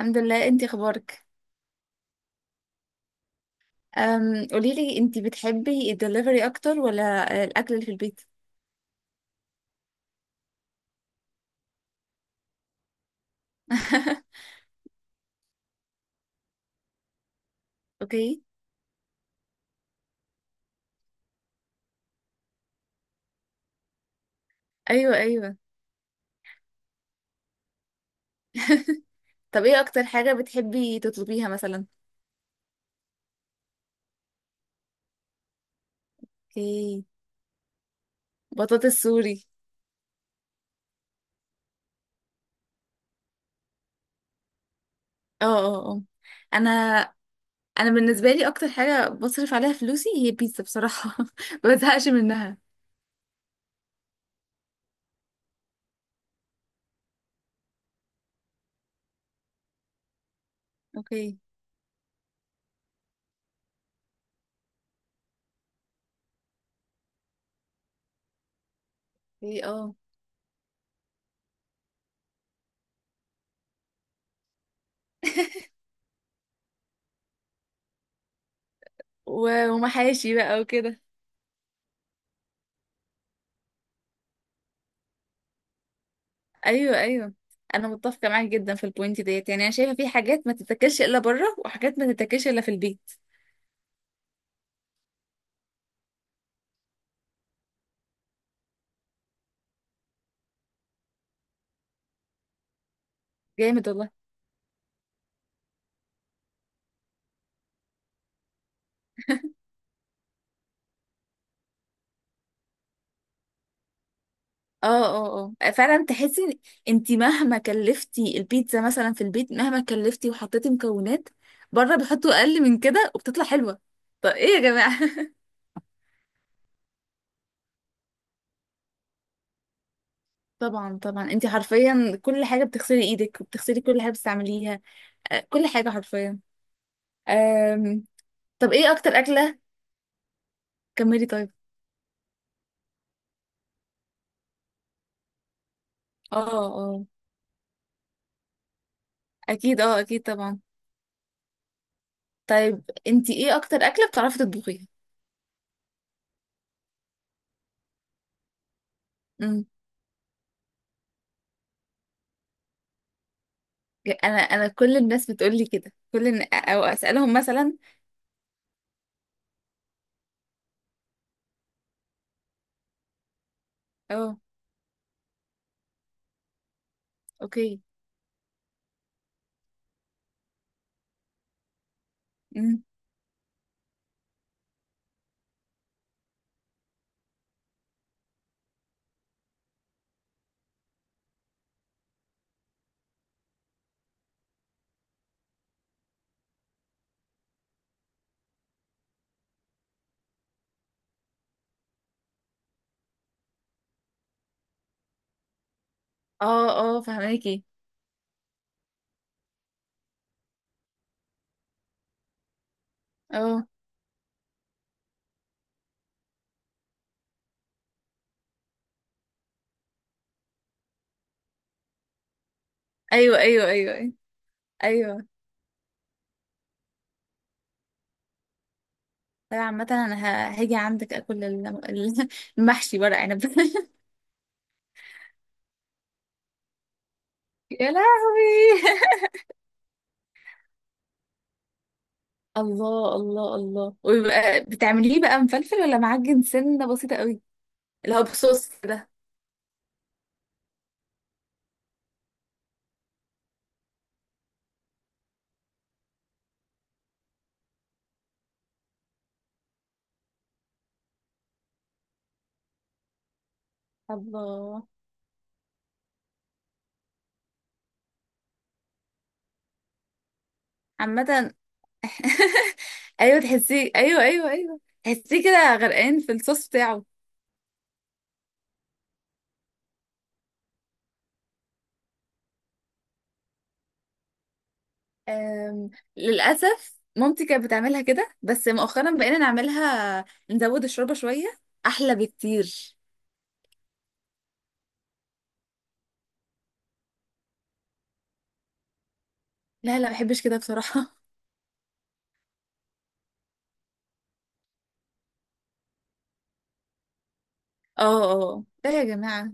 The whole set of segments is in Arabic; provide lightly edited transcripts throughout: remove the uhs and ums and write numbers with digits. الحمد لله، انتي اخبارك؟ قوليلي انتي بتحبي الدليفري اكتر ولا الاكل اللي في البيت؟ اوكي. ايوه، ايوه. طب ايه اكتر حاجه بتحبي تطلبيها مثلا؟ اوكي. بطاطس سوري. اه، اه، اه. انا انا بالنسبه لي اكتر حاجه بصرف عليها فلوسي هي بيتزا بصراحه. ما بزهقش منها. اوكي. اوكي، اه. ومحاشي بقى وكده. ايوه، ايوه، انا متفقه معاك جدا في البوينت ديت، يعني انا شايفه في حاجات ما تتاكلش الا بره وحاجات ما تتاكلش الا في البيت. جامد والله. اه، اه، اه، فعلا تحسي. انت مهما كلفتي البيتزا مثلا في البيت، مهما كلفتي وحطيتي مكونات، بره بيحطوا اقل من كده وبتطلع حلوه. طب ايه يا جماعه؟ طبعا، طبعا، انت حرفيا كل حاجه بتغسلي ايدك وبتغسلي كل حاجه بتستعمليها. كل حاجه حرفيا. آم، طب ايه اكتر اكله. كملي طيب. اه، اه، اكيد، اه اكيد طبعا. طيب انتي ايه اكتر اكله بتعرفي تطبخيها؟ امم انا كل الناس بتقول لي كده، او اسالهم مثلا. اه. اوكي. امم اه، اه فهماكي. اه. ايوه، ايوه، ايوه، ايوه، ايوه. طيب عامه انا هاجي عندك اكل المحشي ورق عنب. يا لهوي. الله، الله، الله، ويبقى بتعمليه بقى مفلفل ولا معجن سنه بسيطه قوي؟ اللي هو بصوص ده. الله. عامة، ايوه تحسيه، ايوه، ايوه، ايوه، تحسيه كده غرقان في الصوص بتاعه. أم... للاسف مامتي كانت بتعملها كده، بس مؤخرا بقينا نعملها نزود الشوربه شويه. احلى بكتير. لا، لا، ما بحبش كده بصراحه. اه، اه، ده يا جماعه.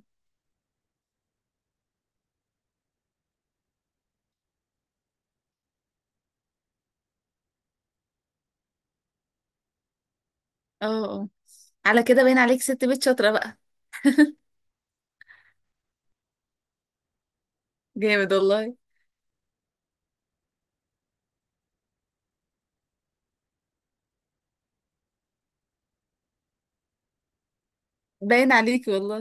اه، اه، آه. على كده باين عليك ست بيت شاطره بقى. جامد والله. باين عليك والله.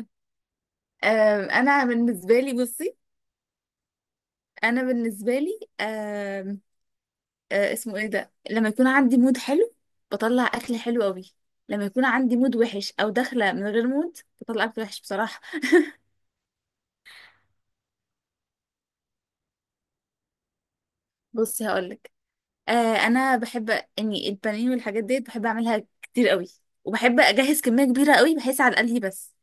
انا بالنسبه لي بصي، انا بالنسبه لي، اسمه ايه ده، لما يكون عندي مود حلو بطلع اكل حلو قوي. لما يكون عندي مود وحش او داخله من غير مود بطلع اكل وحش بصراحه. بصي هقولك. آه انا بحب اني البانيه والحاجات ديت بحب اعملها كتير قوي، وبحب اجهز كميه كبيره قوي بحيث على الاقل هي بس.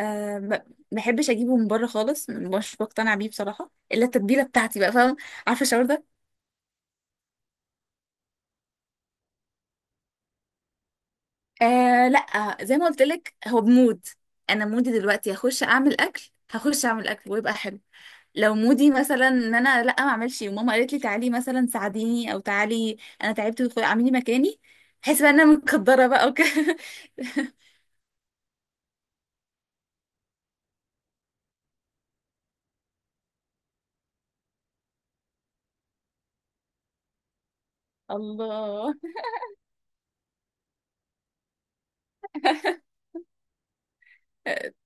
ما بحبش اجيبه من بره خالص، مش بقتنع بيه بصراحه، الا التتبيله بتاعتي بقى، فاهم. عارفه الشعور ده. آه لا، زي ما قلت لك هو بمود. انا مودي دلوقتي هخش اعمل اكل، هخش اعمل اكل ويبقى حلو. لو مودي مثلا ان انا لا ما اعملش، وماما قالت لي تعالي مثلا ساعديني او تعالي انا تعبت اعملي مكاني، بحس بقى ان انا متقدره بقى وكده. الله،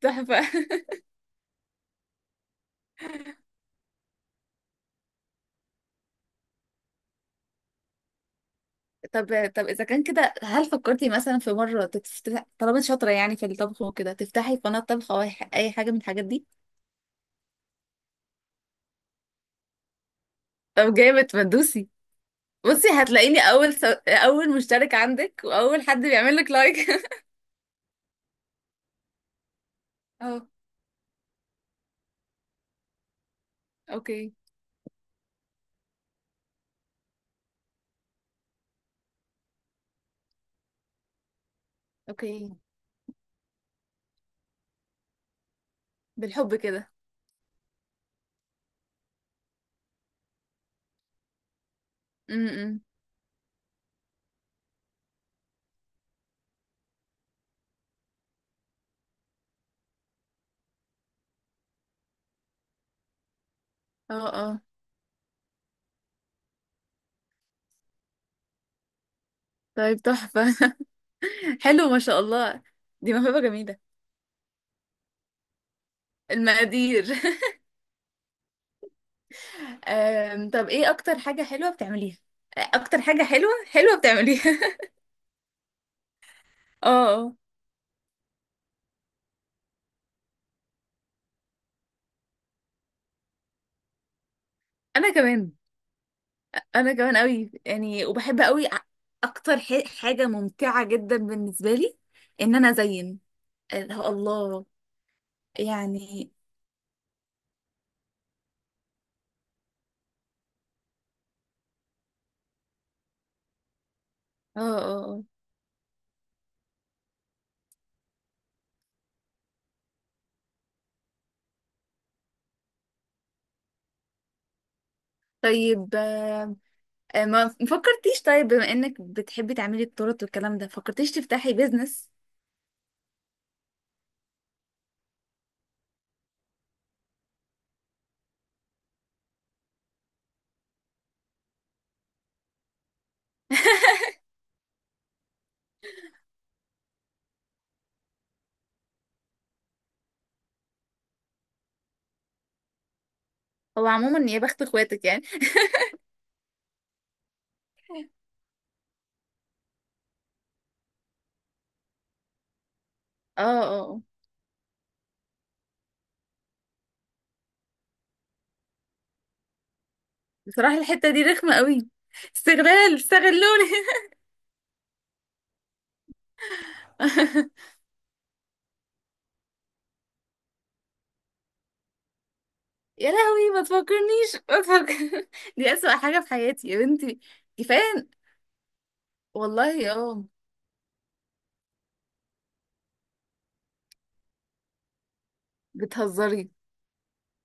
تحفه. طب اذا كان كده، هل فكرتي مثلا في مره تفتح طالما انت شاطره يعني في الطبخ وكده تفتحي قناه طبخ او أي حاجه من الحاجات دي؟ طب جامد، ما تدوسي. بصي هتلاقيني اول مشترك عندك واول حد بيعمل لك لايك. اه. اوكي. اوكي. بالحب كده. م- م. اه، اه. طيب تحفة. حلو ما شاء الله، دي موهبة جميلة. المقادير. طب ايه اكتر حاجة حلوة بتعمليها؟ اكتر حاجة حلوة حلوة بتعمليها؟ اه، اه. انا كمان، انا كمان قوي يعني، وبحب قوي اكتر حاجة ممتعة جدا بالنسبة لي ان انا ازين، اللي هو الله، يعني. اه، اه، آه. طيب ما فكرتيش؟ طيب بما انك بتحبي تعملي التورت والكلام ده، فكرتيش تفتحي بيزنس؟ هو عموما يا بخت اخواتك يعني. اه، اه، آه. بصراحة الحتة دي رخمة قوي، استغلال، استغلوني. يا لهوي ما تفكرنيش، ما تفكر دي أسوأ حاجة في حياتي يا بنتي. كفاية. والله، اه. بتهزري؟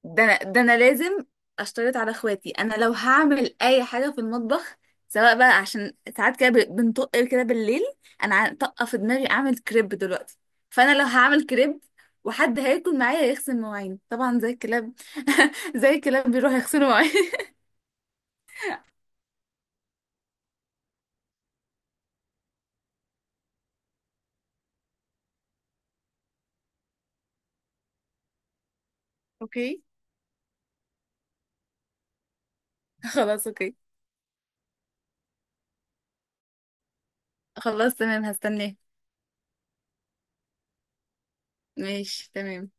ده أنا لازم أشترط على إخواتي، أنا لو هعمل أي حاجة في المطبخ، سواء بقى عشان ساعات كده بنطق كده بالليل أنا طاقة في دماغي أعمل كريب دلوقتي. فأنا لو هعمل كريب وحد هياكل معايا يغسل مواعين طبعا زي الكلاب، زي الكلاب بيروح يغسلوا مواعين. اوكي. خلاص أوكي. خلاص تمام، هستناه. ماشي، تمام.